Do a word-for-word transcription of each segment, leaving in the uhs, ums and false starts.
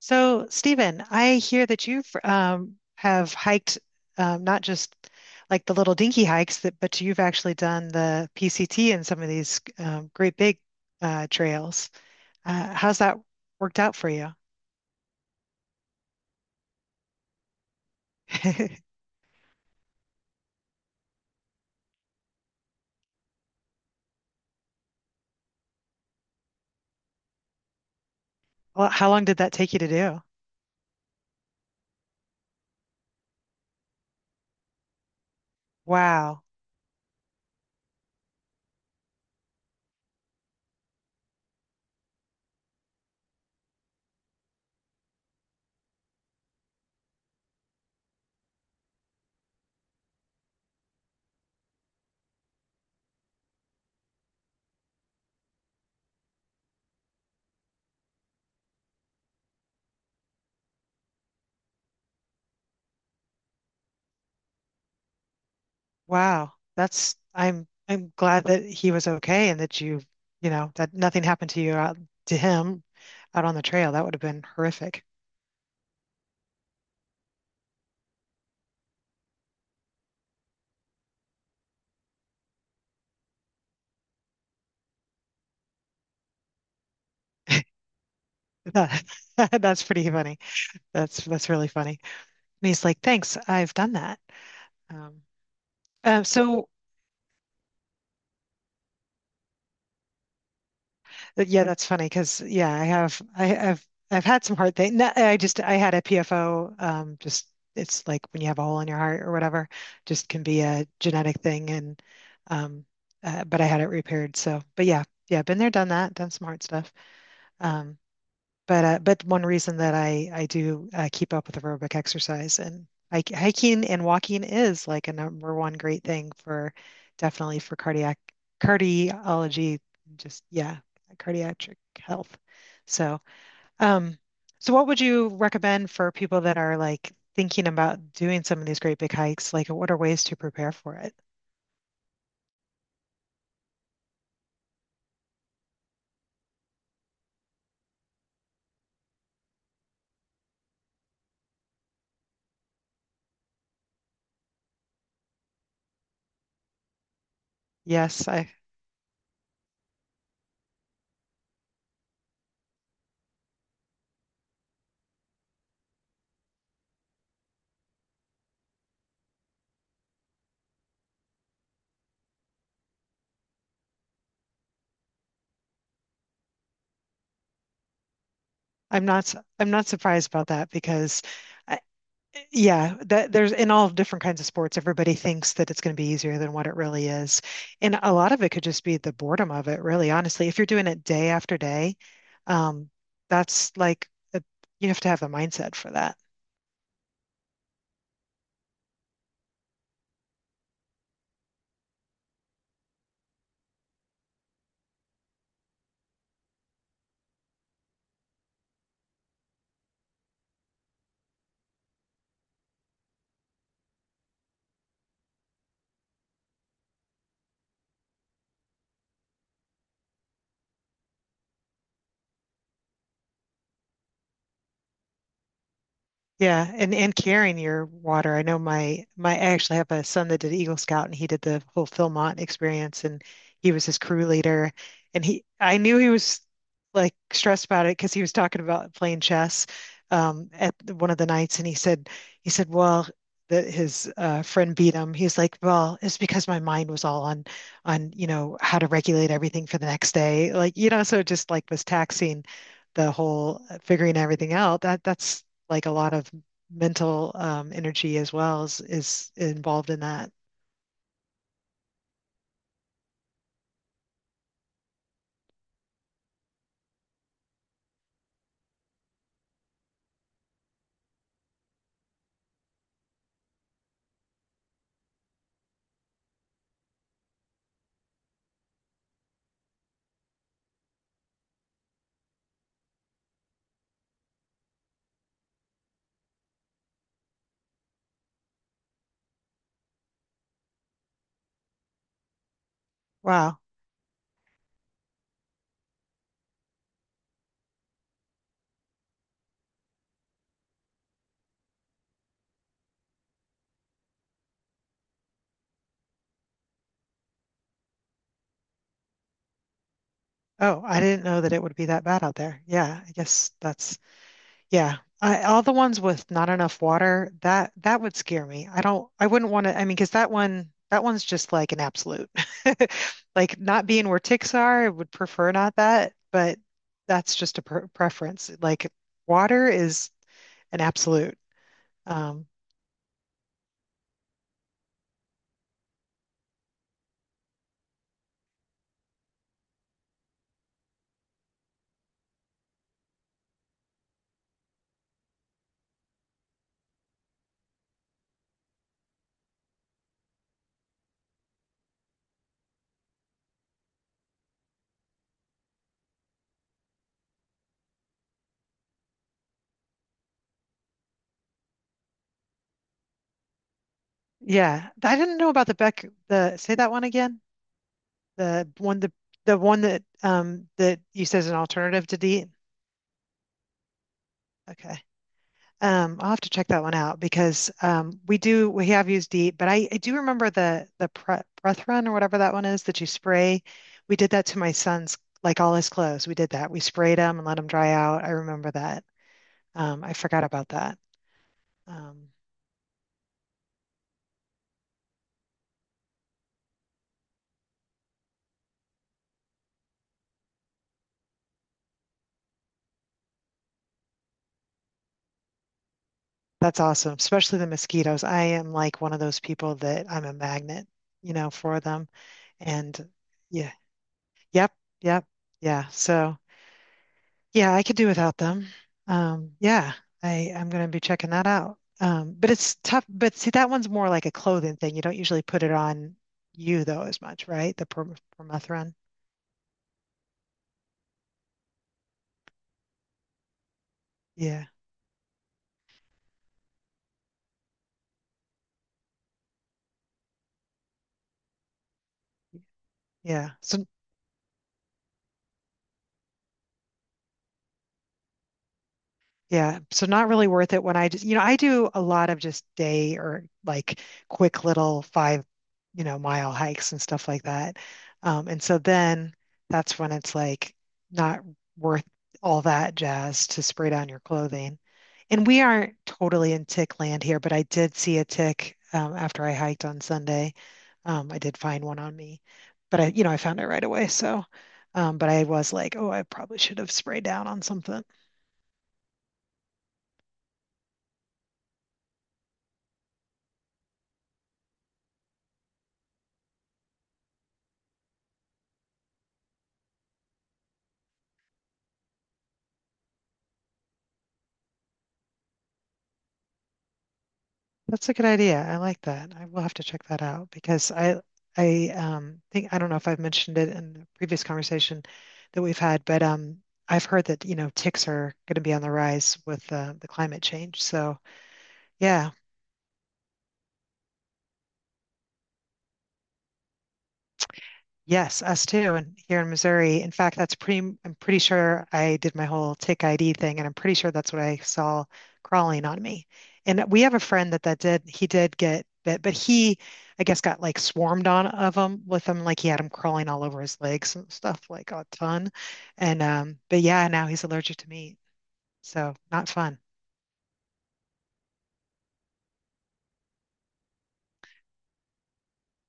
So, Stephen, I hear that you've um, have hiked um, not just like the little dinky hikes, that, but you've actually done the P C T and some of these um, great big uh, trails. Uh, how's that worked out for you? Well, how long did that take you to do? Wow, wow. That's I'm I'm glad that he was okay and that you you know that nothing happened to you out to him out on the trail. That would have been horrific. That That's pretty funny. That's that's really funny. And he's like, "Thanks, I've done that." Um, uh, so uh, yeah, that's funny because yeah, I have I, I've I've had some hard things. I just I had a P F O. Um, just it's like when you have a hole in your heart or whatever, just can be a genetic thing. And um, uh, but I had it repaired. So, but yeah, yeah, been there, done that, done some hard stuff. Um, But uh, but one reason that I I do uh, keep up with aerobic exercise and hike, hiking and walking is like a number one great thing for definitely for cardiac cardiology, just yeah, cardiac health. So um, so what would you recommend for people that are like thinking about doing some of these great big hikes? Like, what are ways to prepare for it? Yes, I I'm not su- I'm not surprised about that. Because. I, yeah, that there's in all different kinds of sports, everybody thinks that it's going to be easier than what it really is. And a lot of it could just be the boredom of it, really, honestly. If you're doing it day after day, um, that's like a, you have to have the mindset for that. Yeah, and and carrying your water. I know my my I actually have a son that did Eagle Scout, and he did the whole Philmont experience, and he was his crew leader. And he I knew he was like stressed about it because he was talking about playing chess um at the- one of the nights, and he said he said well that his uh, friend beat him. He's like, well, it's because my mind was all on on you know how to regulate everything for the next day. Like, you know, so it just like was taxing the whole uh, figuring everything out. That that's like a lot of mental um, energy as well is, is involved in that. Wow. Oh, I didn't know that it would be that bad out there. Yeah, I guess that's yeah. I, all the ones with not enough water, that that would scare me. I don't I wouldn't want to, I mean, because that one that one's just like an absolute. Like, not being where ticks are, I would prefer not that, but that's just a pre preference. Like, water is an absolute. Um, yeah, I didn't know about the Beck, the— say that one again. The one the the one that um that you said is an alternative to DEET? Okay. Um, I'll have to check that one out because um we do we have used DEET, but I, I do remember the the pre breath run or whatever that one is that you spray. We did that to my son's, like, all his clothes. We did that. We sprayed them and let them dry out. I remember that. Um, I forgot about that. Um, that's awesome, especially the mosquitoes. I am like one of those people that I'm a magnet, you know, for them. And yeah. Yep, yep, yeah. So, yeah, I could do without them. Um, yeah, I I'm gonna be checking that out. Um, but it's tough. But see, that one's more like a clothing thing. You don't usually put it on you though as much, right? The per permethrin. Yeah, yeah. So, yeah, so not really worth it when I just, you know, I do a lot of just day or like quick little five, you know, mile hikes and stuff like that. Um, and so then that's when it's like not worth all that jazz to spray down your clothing. And we aren't totally in tick land here, but I did see a tick um, after I hiked on Sunday. Um, I did find one on me, but I, you know, I found it right away. So, um, but I was like, oh, I probably should have sprayed down on something. That's a good idea. I like that. I will have to check that out because I I um think I don't know if I've mentioned it in the previous conversation that we've had, but um I've heard that, you know, ticks are going to be on the rise with uh, the climate change. So, yeah. Yes, us too, and here in Missouri. In fact, that's pretty, I'm pretty sure I did my whole tick I D thing, and I'm pretty sure that's what I saw crawling on me. And we have a friend that that did, he did get bit, but he, I guess, got like swarmed on of them with them, like he had them crawling all over his legs and stuff, like a ton. And um, but yeah, now he's allergic to meat, so not fun.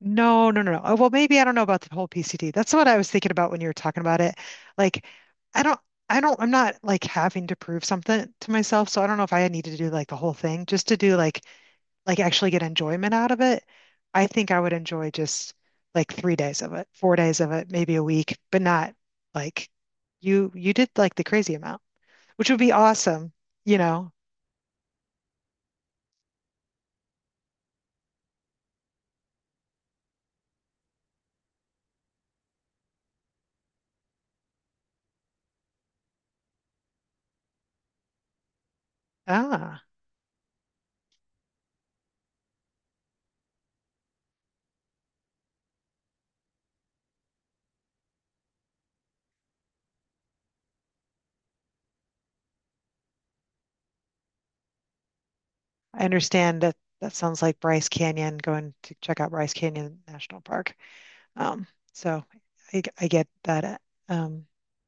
No, no, no, no. Oh, well, maybe I don't know about the whole P C D. That's what I was thinking about when you were talking about it. Like, I don't, I don't, I'm not like having to prove something to myself. So I don't know if I need to do like the whole thing just to do like, like actually get enjoyment out of it. I think I would enjoy just like three days of it, four days of it, maybe a week, but not like you, you did like the crazy amount, which would be awesome, you know? Ah, I understand that that sounds like Bryce Canyon, going to check out Bryce Canyon National Park. Um, so I, I get that uh, um,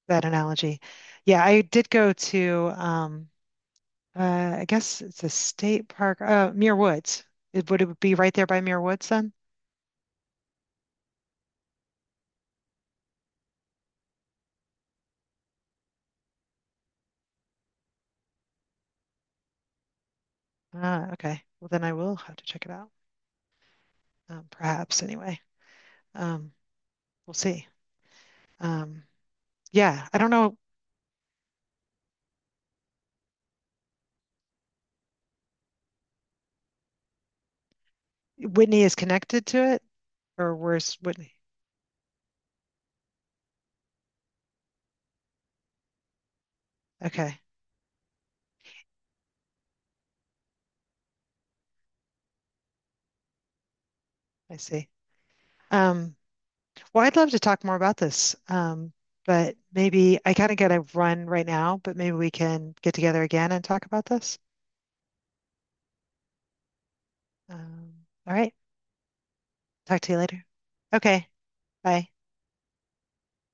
that analogy. Yeah, I did go to um, uh, I guess it's a state park, uh, Muir Woods. It, would it be right there by Muir Woods then? Ah, okay. Well, then I will have to check it out. Um, perhaps anyway. Um, we'll see. Um, yeah, I don't know. Whitney is connected to it, or where's Whitney? Okay, I see. Um, Well, I'd love to talk more about this, um, but maybe I kind of got to run right now, but maybe we can get together again and talk about this. Um, all right. Talk to you later. Okay. Bye.